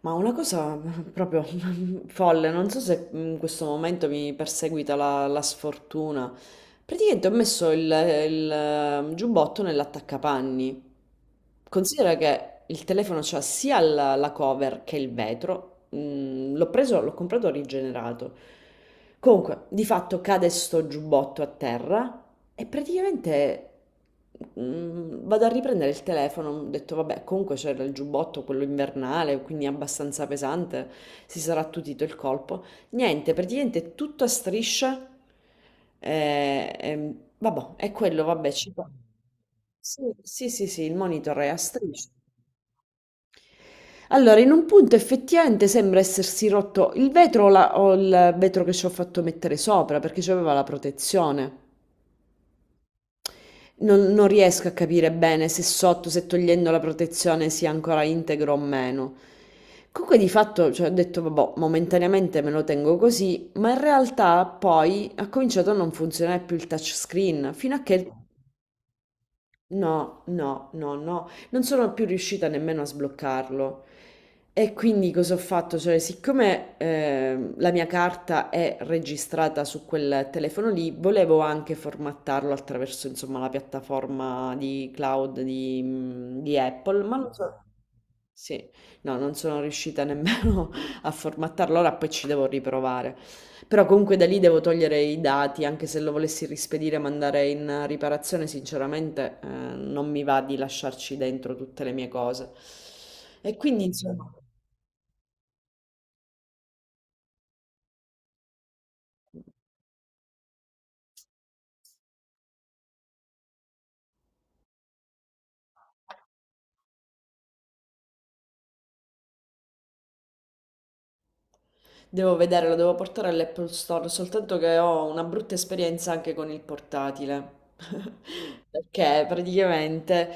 Ma una cosa proprio folle, non so se in questo momento mi perseguita la sfortuna. Praticamente ho messo il giubbotto nell'attaccapanni. Considera che il telefono c'ha sia la cover che il vetro. Mm, l'ho preso, l'ho comprato rigenerato. Comunque, di fatto cade sto giubbotto a terra. E praticamente vado a riprendere il telefono, ho detto vabbè, comunque c'era il giubbotto, quello invernale, quindi abbastanza pesante, si sarà attutito il colpo. Niente, praticamente tutto a strisce. Vabbè, è quello, vabbè, ci può. Sì, sì, sì, sì, il monitor è a strisce. Allora, in un punto effettivamente sembra essersi rotto il vetro o, o il vetro che ci ho fatto mettere sopra perché c'aveva la protezione. Non riesco a capire bene se sotto, se togliendo la protezione sia ancora integro o meno. Comunque di fatto, cioè, ho detto, vabbè, momentaneamente me lo tengo così, ma in realtà poi ha cominciato a non funzionare più il touchscreen, fino a che no, no, no, no, non sono più riuscita nemmeno a sbloccarlo. E quindi cosa ho fatto? Cioè, siccome la mia carta è registrata su quel telefono lì, volevo anche formattarlo attraverso, insomma, la piattaforma di cloud di, di Apple, ma non so. Sì, no, non sono riuscita nemmeno a formattarlo, ora poi ci devo riprovare. Però comunque da lì devo togliere i dati, anche se lo volessi rispedire e mandare in riparazione, sinceramente, non mi va di lasciarci dentro tutte le mie cose. E quindi, insomma, devo vedere, lo devo portare all'Apple Store, soltanto che ho una brutta esperienza anche con il portatile. Perché praticamente,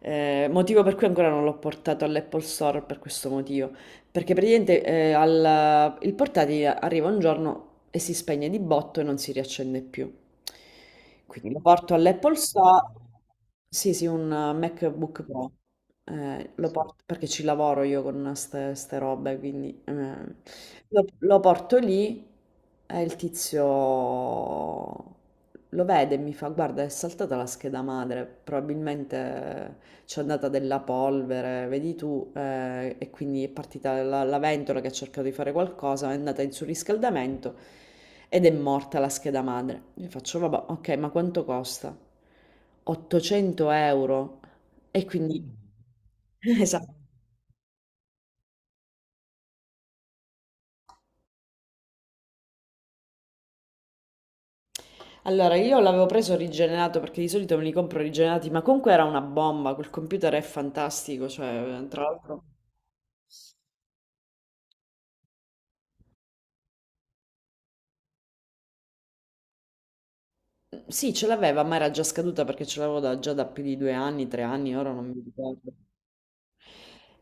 motivo per cui ancora non l'ho portato all'Apple Store per questo motivo. Perché praticamente il portatile arriva un giorno e si spegne di botto e non si riaccende più. Quindi lo porto all'Apple Store, sì, sì, un MacBook Pro. Lo porto perché ci lavoro io con ste robe, quindi lo porto lì e il tizio lo vede e mi fa: Guarda, è saltata la scheda madre, probabilmente c'è andata della polvere, vedi tu, e quindi è partita la ventola che ha cercato di fare qualcosa, è andata in surriscaldamento ed è morta la scheda madre. Gli faccio, vabbè, ok, ma quanto costa? 800 euro. E quindi, mm, esatto. Allora, io l'avevo preso rigenerato perché di solito me li compro rigenerati, ma comunque era una bomba, quel computer è fantastico, cioè, tra l'altro... Sì, ce l'aveva, ma era già scaduta perché ce l'avevo già da più di 2 anni, 3 anni, ora non mi ricordo.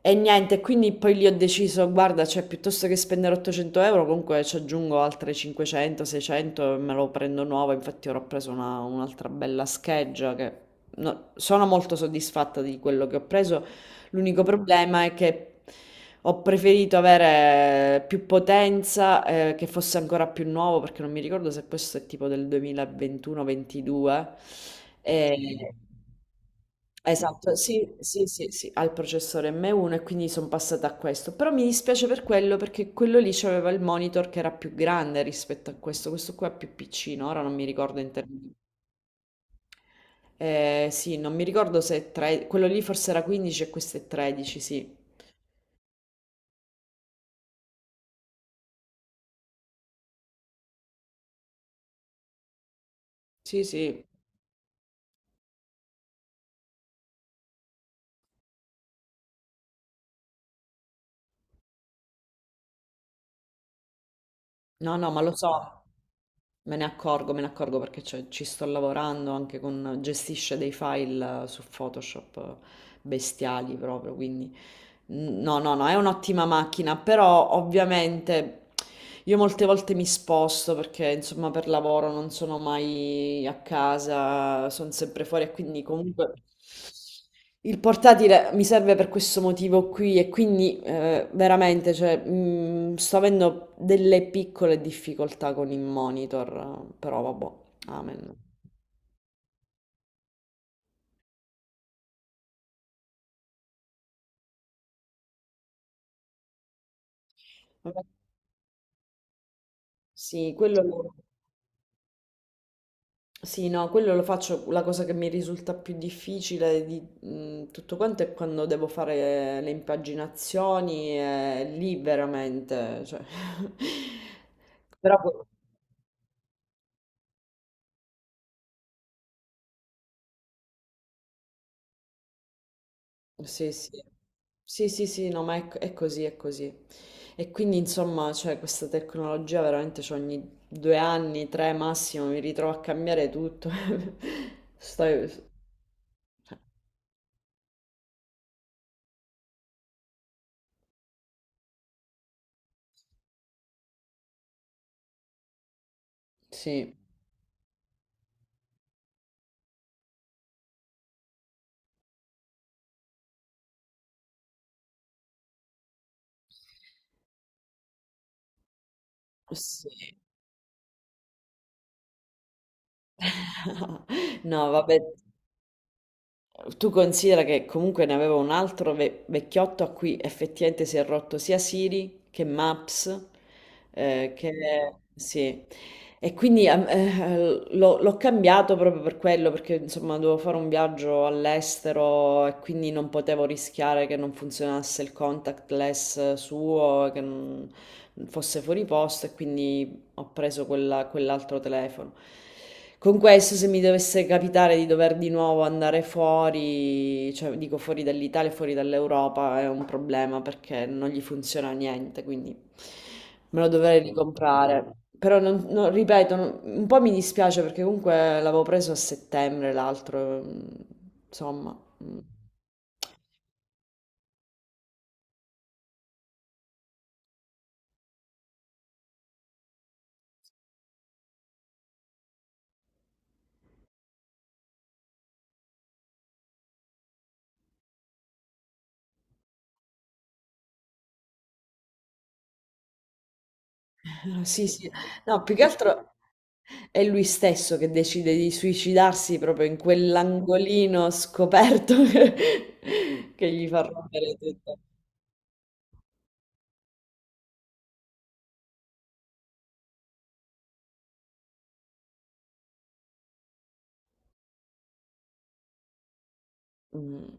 E niente, quindi poi lì ho deciso, guarda, cioè piuttosto che spendere 800 euro, comunque ci aggiungo altre 500, 600 e me lo prendo nuovo. Infatti ora ho preso un'altra bella scheggia che sono molto soddisfatta di quello che ho preso. L'unico problema è che ho preferito avere più potenza, che fosse ancora più nuovo, perché non mi ricordo se questo è tipo del 2021-22. E... esatto, sì, sì, sì, sì, al processore M1 e quindi sono passata a questo. Però mi dispiace per quello perché quello lì c'aveva il monitor che era più grande rispetto a questo, questo qua è più piccino, ora non mi ricordo in termini. Sì, non mi ricordo se è quello lì forse era 15 e questo è 13, sì. Sì, sì. No, no, ma lo so, me ne accorgo perché ci sto lavorando anche con, gestisce dei file su Photoshop bestiali proprio, quindi no, no, no, è un'ottima macchina, però ovviamente. Io molte volte mi sposto perché insomma per lavoro non sono mai a casa, sono sempre fuori e quindi comunque il portatile mi serve per questo motivo qui e quindi veramente cioè, sto avendo delle piccole difficoltà con il monitor, però vabbè, amen. Vabbè, sì, quello sì, no, quello lo faccio, la cosa che mi risulta più difficile di tutto quanto è quando devo fare le impaginazioni, e lì veramente, cioè... Però... sì, sì, sì, sì, sì, no, ma è così, è così. E quindi, insomma, cioè, questa tecnologia veramente cioè, ogni 2 anni, tre massimo, mi ritrovo a cambiare tutto. Sto... cioè, sì, sì. No, vabbè. Tu considera che comunque ne avevo un altro vecchiotto a cui effettivamente si è rotto sia Siri che Maps, che sì. E quindi l'ho cambiato proprio per quello, perché insomma dovevo fare un viaggio all'estero e quindi non potevo rischiare che non funzionasse il contactless suo, che non fosse fuori posto e quindi ho preso quell'altro telefono. Con questo, se mi dovesse capitare di dover di nuovo andare fuori, cioè dico fuori dall'Italia, fuori dall'Europa, è un problema perché non gli funziona niente, quindi me lo dovrei ricomprare. Però, ripeto, un po' mi dispiace perché comunque l'avevo preso a settembre l'altro, mm, insomma. Mm. Sì, sì. No, più che altro è lui stesso che decide di suicidarsi proprio in quell'angolino scoperto che gli fa rompere tutto. Mm.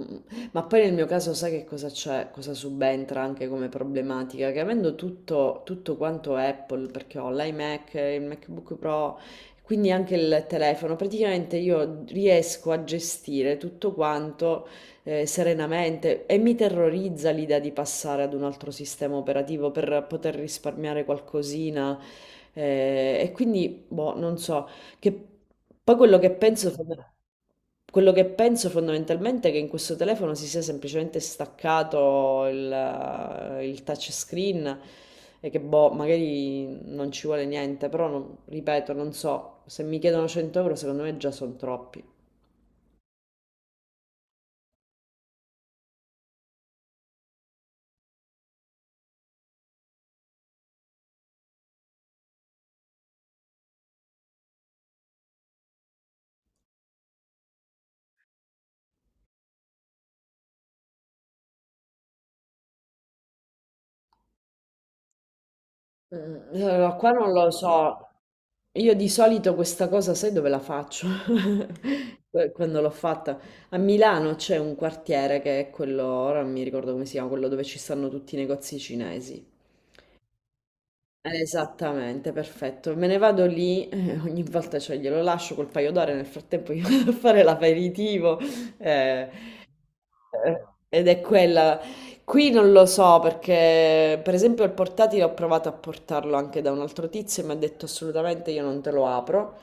Mm. Ma poi nel mio caso sai che cosa c'è, cosa subentra anche come problematica? Che avendo tutto, tutto quanto Apple, perché ho l'iMac, il MacBook Pro, quindi anche il telefono, praticamente io riesco a gestire tutto quanto serenamente e mi terrorizza l'idea di passare ad un altro sistema operativo per poter risparmiare qualcosina. Eh, e quindi, boh, non so. Che poi quello che penso, quello che penso fondamentalmente è che in questo telefono si sia semplicemente staccato il touchscreen e che boh, magari non ci vuole niente, però ripeto, non so, se mi chiedono 100 euro secondo me già sono troppi. Mm, allora, qua non lo so. Io di solito questa cosa, sai dove la faccio? Quando l'ho fatta a Milano c'è un quartiere che è quello, ora non mi ricordo come si chiama, quello dove ci stanno tutti i negozi cinesi. Esattamente, perfetto. Me ne vado lì, ogni volta cioè, glielo lascio col paio d'ore, nel frattempo io vado a fare l'aperitivo. Eh, ed è quella qui non lo so perché, per esempio, il portatile ho provato a portarlo anche da un altro tizio e mi ha detto assolutamente io non te lo apro.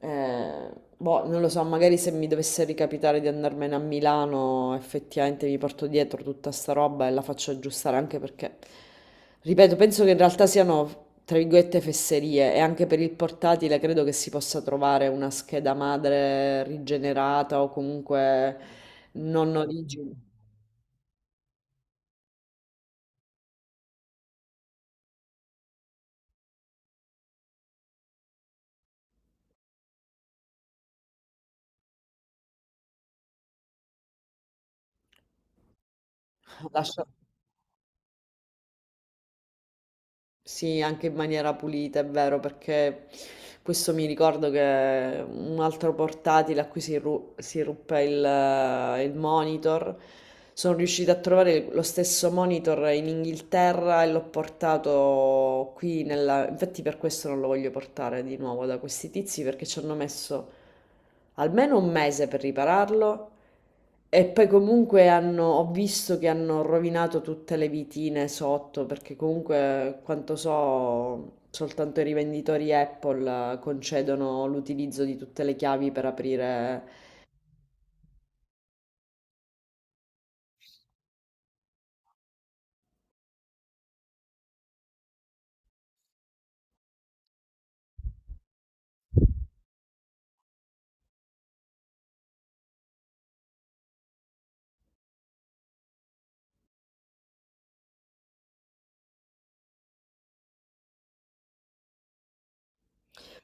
Eh, boh, non lo so, magari se mi dovesse ricapitare di andarmene a Milano, effettivamente mi porto dietro tutta sta roba e la faccio aggiustare anche perché, ripeto, penso che in realtà siano, tra virgolette, fesserie e anche per il portatile credo che si possa trovare una scheda madre rigenerata o comunque non origine. Lascia... Sì, anche in maniera pulita, è vero, perché questo mi ricordo che un altro portatile a cui si, si ruppe il monitor, sono riuscita a trovare lo stesso monitor in Inghilterra e l'ho portato qui nella... Infatti per questo non lo voglio portare di nuovo da questi tizi perché ci hanno messo almeno un mese per ripararlo e poi comunque hanno, ho visto che hanno rovinato tutte le vitine sotto, perché comunque, quanto so, soltanto i rivenditori Apple concedono l'utilizzo di tutte le chiavi per aprire.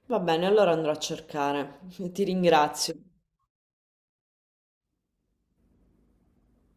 Va bene, allora andrò a cercare. Ti ringrazio.